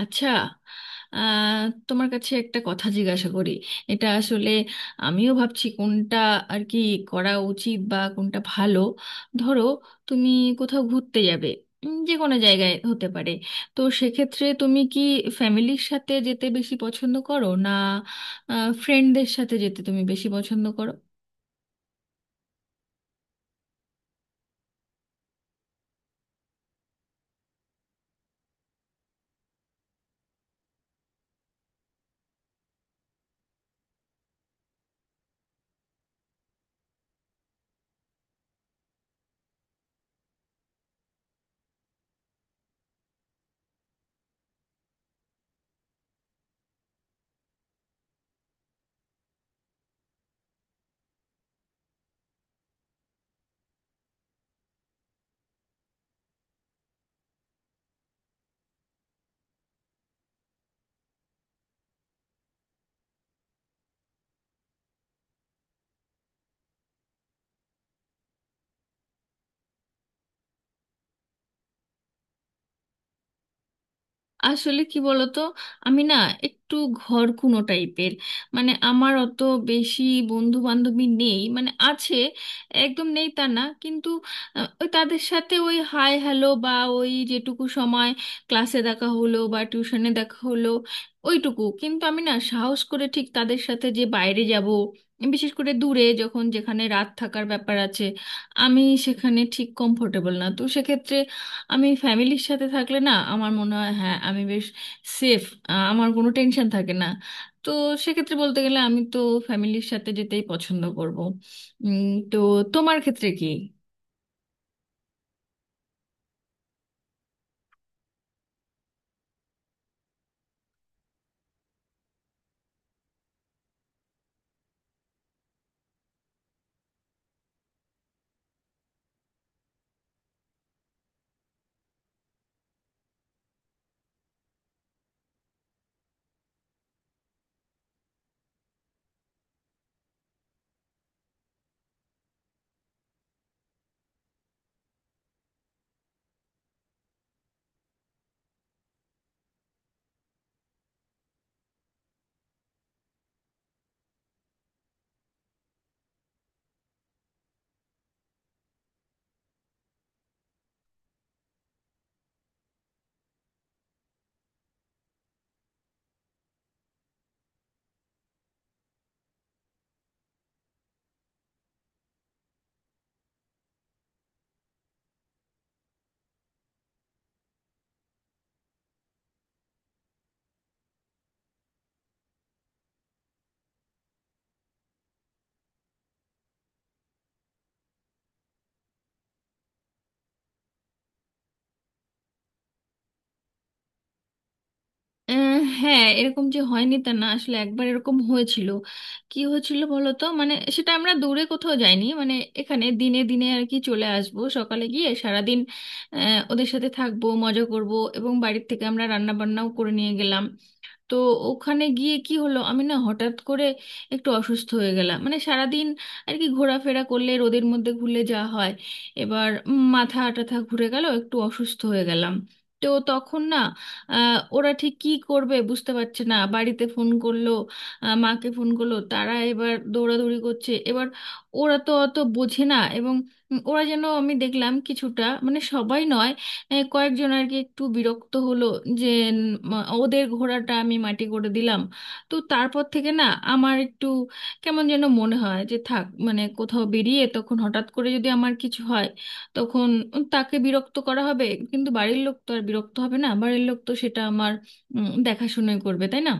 আচ্ছা, আহ, তোমার কাছে একটা কথা জিজ্ঞাসা করি। এটা আসলে আমিও ভাবছি কোনটা আর কি করা উচিত বা কোনটা ভালো। ধরো তুমি কোথাও ঘুরতে যাবে, যে কোনো জায়গায় হতে পারে। তো সেক্ষেত্রে তুমি কি ফ্যামিলির সাথে যেতে বেশি পছন্দ করো, না ফ্রেন্ডদের সাথে যেতে তুমি বেশি পছন্দ করো? আসলে কি বলতো, আমি না একটু ঘরকুনো টাইপের। মানে আমার অত বেশি বন্ধু বান্ধবী নেই, মানে আছে, একদম নেই তা না, কিন্তু ওই তাদের সাথে ওই হাই হ্যালো, বা ওই যেটুকু সময় ক্লাসে দেখা হলো বা টিউশনে দেখা হলো ওইটুকু। কিন্তু আমি না সাহস করে ঠিক তাদের সাথে যে বাইরে যাব, বিশেষ করে দূরে যখন যেখানে রাত থাকার ব্যাপার আছে, আমি সেখানে ঠিক কমফোর্টেবল না। তো সেক্ষেত্রে আমি ফ্যামিলির সাথে থাকলে না আমার মনে হয় হ্যাঁ আমি বেশ সেফ, আমার কোনো টেনশন থাকে না। তো সেক্ষেত্রে বলতে গেলে আমি তো ফ্যামিলির সাথে যেতেই পছন্দ করব। উম, তো তোমার ক্ষেত্রে কি? আহ, হ্যাঁ, এরকম যে হয়নি তা না, আসলে একবার এরকম হয়েছিল। কি হয়েছিল বলো তো, মানে সেটা আমরা দূরে কোথাও যাইনি, মানে এখানে দিনে দিনে আর কি চলে আসবো, সকালে গিয়ে সারাদিন ওদের সাথে থাকবো মজা করব। এবং বাড়ির থেকে আমরা রান্না বান্নাও করে নিয়ে গেলাম। তো ওখানে গিয়ে কি হলো, আমি না হঠাৎ করে একটু অসুস্থ হয়ে গেলাম। মানে সারাদিন আর কি ঘোরাফেরা করলে রোদের মধ্যে ঘুরলে যা হয়, এবার মাথা টাথা ঘুরে গেল, একটু অসুস্থ হয়ে গেলাম। তো তখন না ওরা ঠিক কি করবে বুঝতে পারছে না, বাড়িতে ফোন করলো, মাকে ফোন করলো, তারা এবার দৌড়াদৌড়ি করছে। এবার ওরা তো অত বোঝে না, এবং ওরা যেন আমি দেখলাম কিছুটা, মানে সবাই নয়, কয়েকজন আর কি একটু বিরক্ত হলো যে উম, ওদের ঘোড়াটা আমি মাটি করে দিলাম। তো তারপর থেকে না আমার একটু কেমন যেন মনে হয় যে থাক, মানে কোথাও বেরিয়ে তখন হঠাৎ করে যদি আমার কিছু হয় তখন তাকে বিরক্ত করা হবে। কিন্তু বাড়ির লোক তো আর বিরক্ত হবে না, বাড়ির লোক তো সেটা আমার দেখাশুনোই করবে, তাই না?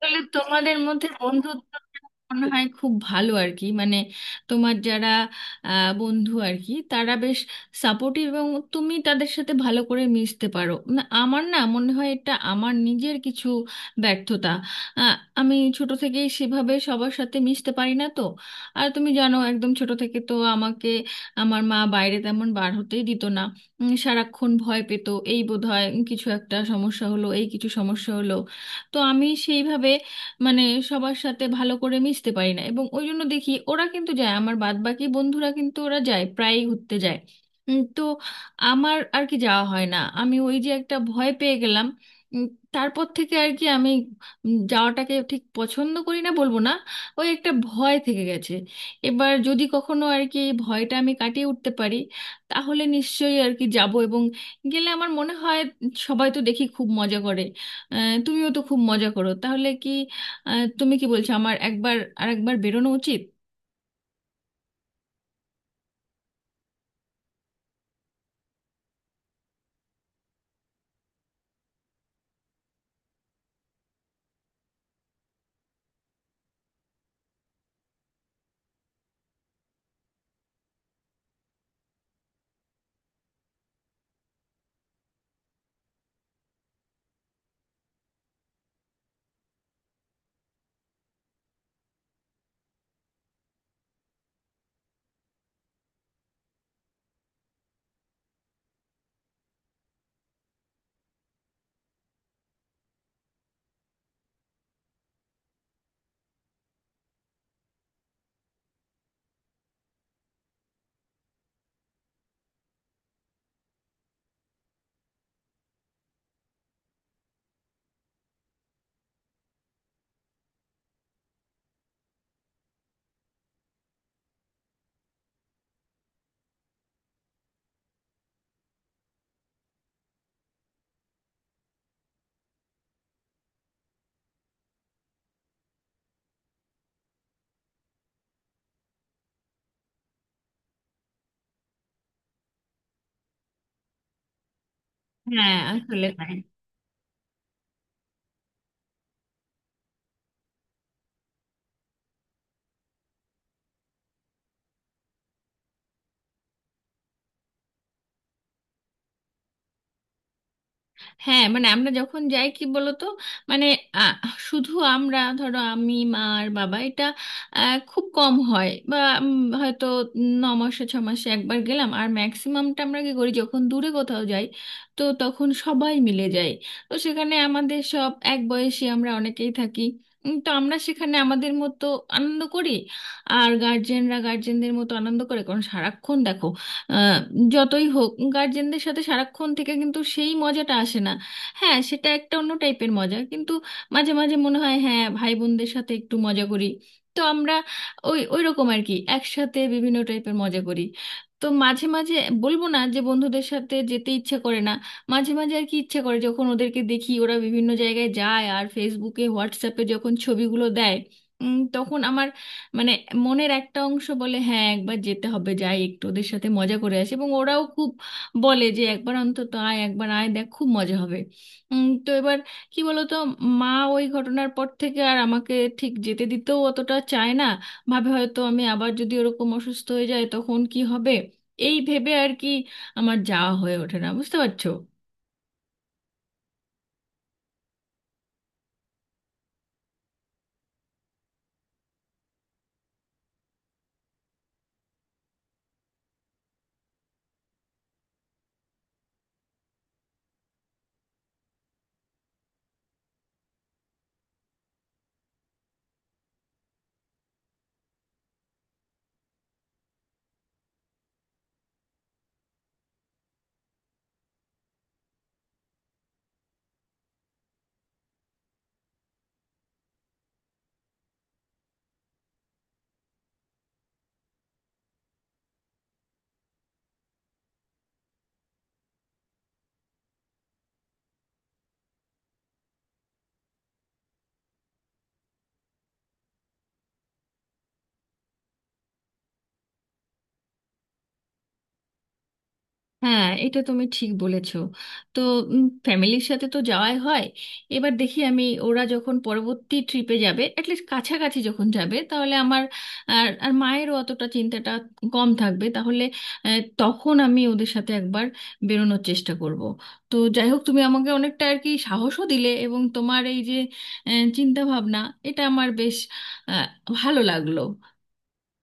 তাহলে তোমাদের মধ্যে বন্ধুত্ব মনে হয় খুব ভালো আর কি, মানে তোমার যারা বন্ধু আর কি তারা বেশ সাপোর্টিভ। এবং তুমি তাদের সাথে ভালো করে মিশতে পারো না, আমার না মনে হয় এটা আমার নিজের কিছু ব্যর্থতা। আমি ছোট থেকেই সেভাবে সবার সাথে মিশতে পারি না। তো আর তুমি জানো, একদম ছোট থেকে তো আমাকে আমার মা বাইরে তেমন বার হতেই দিত না, সারাক্ষণ ভয় পেত, এই বোধহয় কিছু একটা সমস্যা হলো, এই কিছু সমস্যা হলো। তো আমি সেইভাবে মানে সবার সাথে ভালো করে মিশতে পারি না, এবং ওই জন্য দেখি ওরা কিন্তু যায়, আমার বাদবাকি বন্ধুরা কিন্তু ওরা যায়, প্রায়ই ঘুরতে যায়। তো আমার আর কি যাওয়া হয় না, আমি ওই যে একটা ভয় পেয়ে গেলাম। উম, তারপর থেকে আর কি আমি যাওয়াটাকে ঠিক পছন্দ করি না বলবো না, ওই একটা ভয় থেকে গেছে। এবার যদি কখনো আর কি এই ভয়টা আমি কাটিয়ে উঠতে পারি তাহলে নিশ্চয়ই আর কি যাব। এবং গেলে আমার মনে হয় সবাই তো দেখি খুব মজা করে, তুমিও তো খুব মজা করো। তাহলে কি তুমি কি বলছো আমার একবার একবার বেরোনো উচিত? হ্যাঁ আসলে তাই। হ্যাঁ মানে আমরা যখন যাই কি বলতো, মানে আহ, শুধু আমরা ধরো আমি, মা আর বাবা, এটা খুব কম হয়। বা হয়তো ন মাসে ছ মাসে একবার গেলাম। আর ম্যাক্সিমামটা আমরা কি করি, যখন দূরে কোথাও যাই তো তখন সবাই মিলে যাই। তো সেখানে আমাদের সব এক বয়সী আমরা অনেকেই থাকি। তো আমরা সেখানে আমাদের মতো আনন্দ করি, আর গার্জেনরা গার্জেনদের মতো আনন্দ করে। কারণ সারাক্ষণ দেখো আহ, যতই হোক, গার্জেনদের সাথে সারাক্ষণ থেকে কিন্তু সেই মজাটা আসে না। হ্যাঁ, সেটা একটা অন্য টাইপের মজা, কিন্তু মাঝে মাঝে মনে হয় হ্যাঁ, ভাই বোনদের সাথে একটু মজা করি। তো আমরা ওই ওই রকম আর কি একসাথে বিভিন্ন টাইপের মজা করি। তো মাঝে মাঝে বলবো না যে বন্ধুদের সাথে যেতে ইচ্ছে করে না, মাঝে মাঝে আর কি ইচ্ছে করে, যখন ওদেরকে দেখি ওরা বিভিন্ন জায়গায় যায় আর ফেসবুকে হোয়াটসঅ্যাপে যখন ছবিগুলো দেয়, তখন আমার মানে মনের একটা অংশ বলে হ্যাঁ, একবার যেতে হবে, যাই একটু ওদের সাথে মজা করে আসি। এবং ওরাও খুব বলে যে একবার অন্তত আয়, একবার আয় দেখ খুব মজা হবে। তো এবার কি বলতো, মা ওই ঘটনার পর থেকে আর আমাকে ঠিক যেতে দিতেও অতটা চায় না। ভাবে হয়তো আমি আবার যদি ওরকম অসুস্থ হয়ে যায় তখন কি হবে, এই ভেবে আর কি আমার যাওয়া হয়ে ওঠে না, বুঝতে পারছো? হ্যাঁ, এটা তুমি ঠিক বলেছো। তো ফ্যামিলির সাথে তো যাওয়াই হয়, এবার দেখি আমি, ওরা যখন পরবর্তী ট্রিপে যাবে অ্যাটলিস্ট কাছাকাছি যখন যাবে, তাহলে আমার আর আর মায়েরও অতটা চিন্তাটা কম থাকবে তাহলে। তখন আমি ওদের সাথে একবার বেরোনোর চেষ্টা করব। তো যাই হোক, তুমি আমাকে অনেকটা আর কি সাহসও দিলে, এবং তোমার এই যে চিন্তা ভাবনা এটা আমার বেশ আহ, ভালো লাগলো।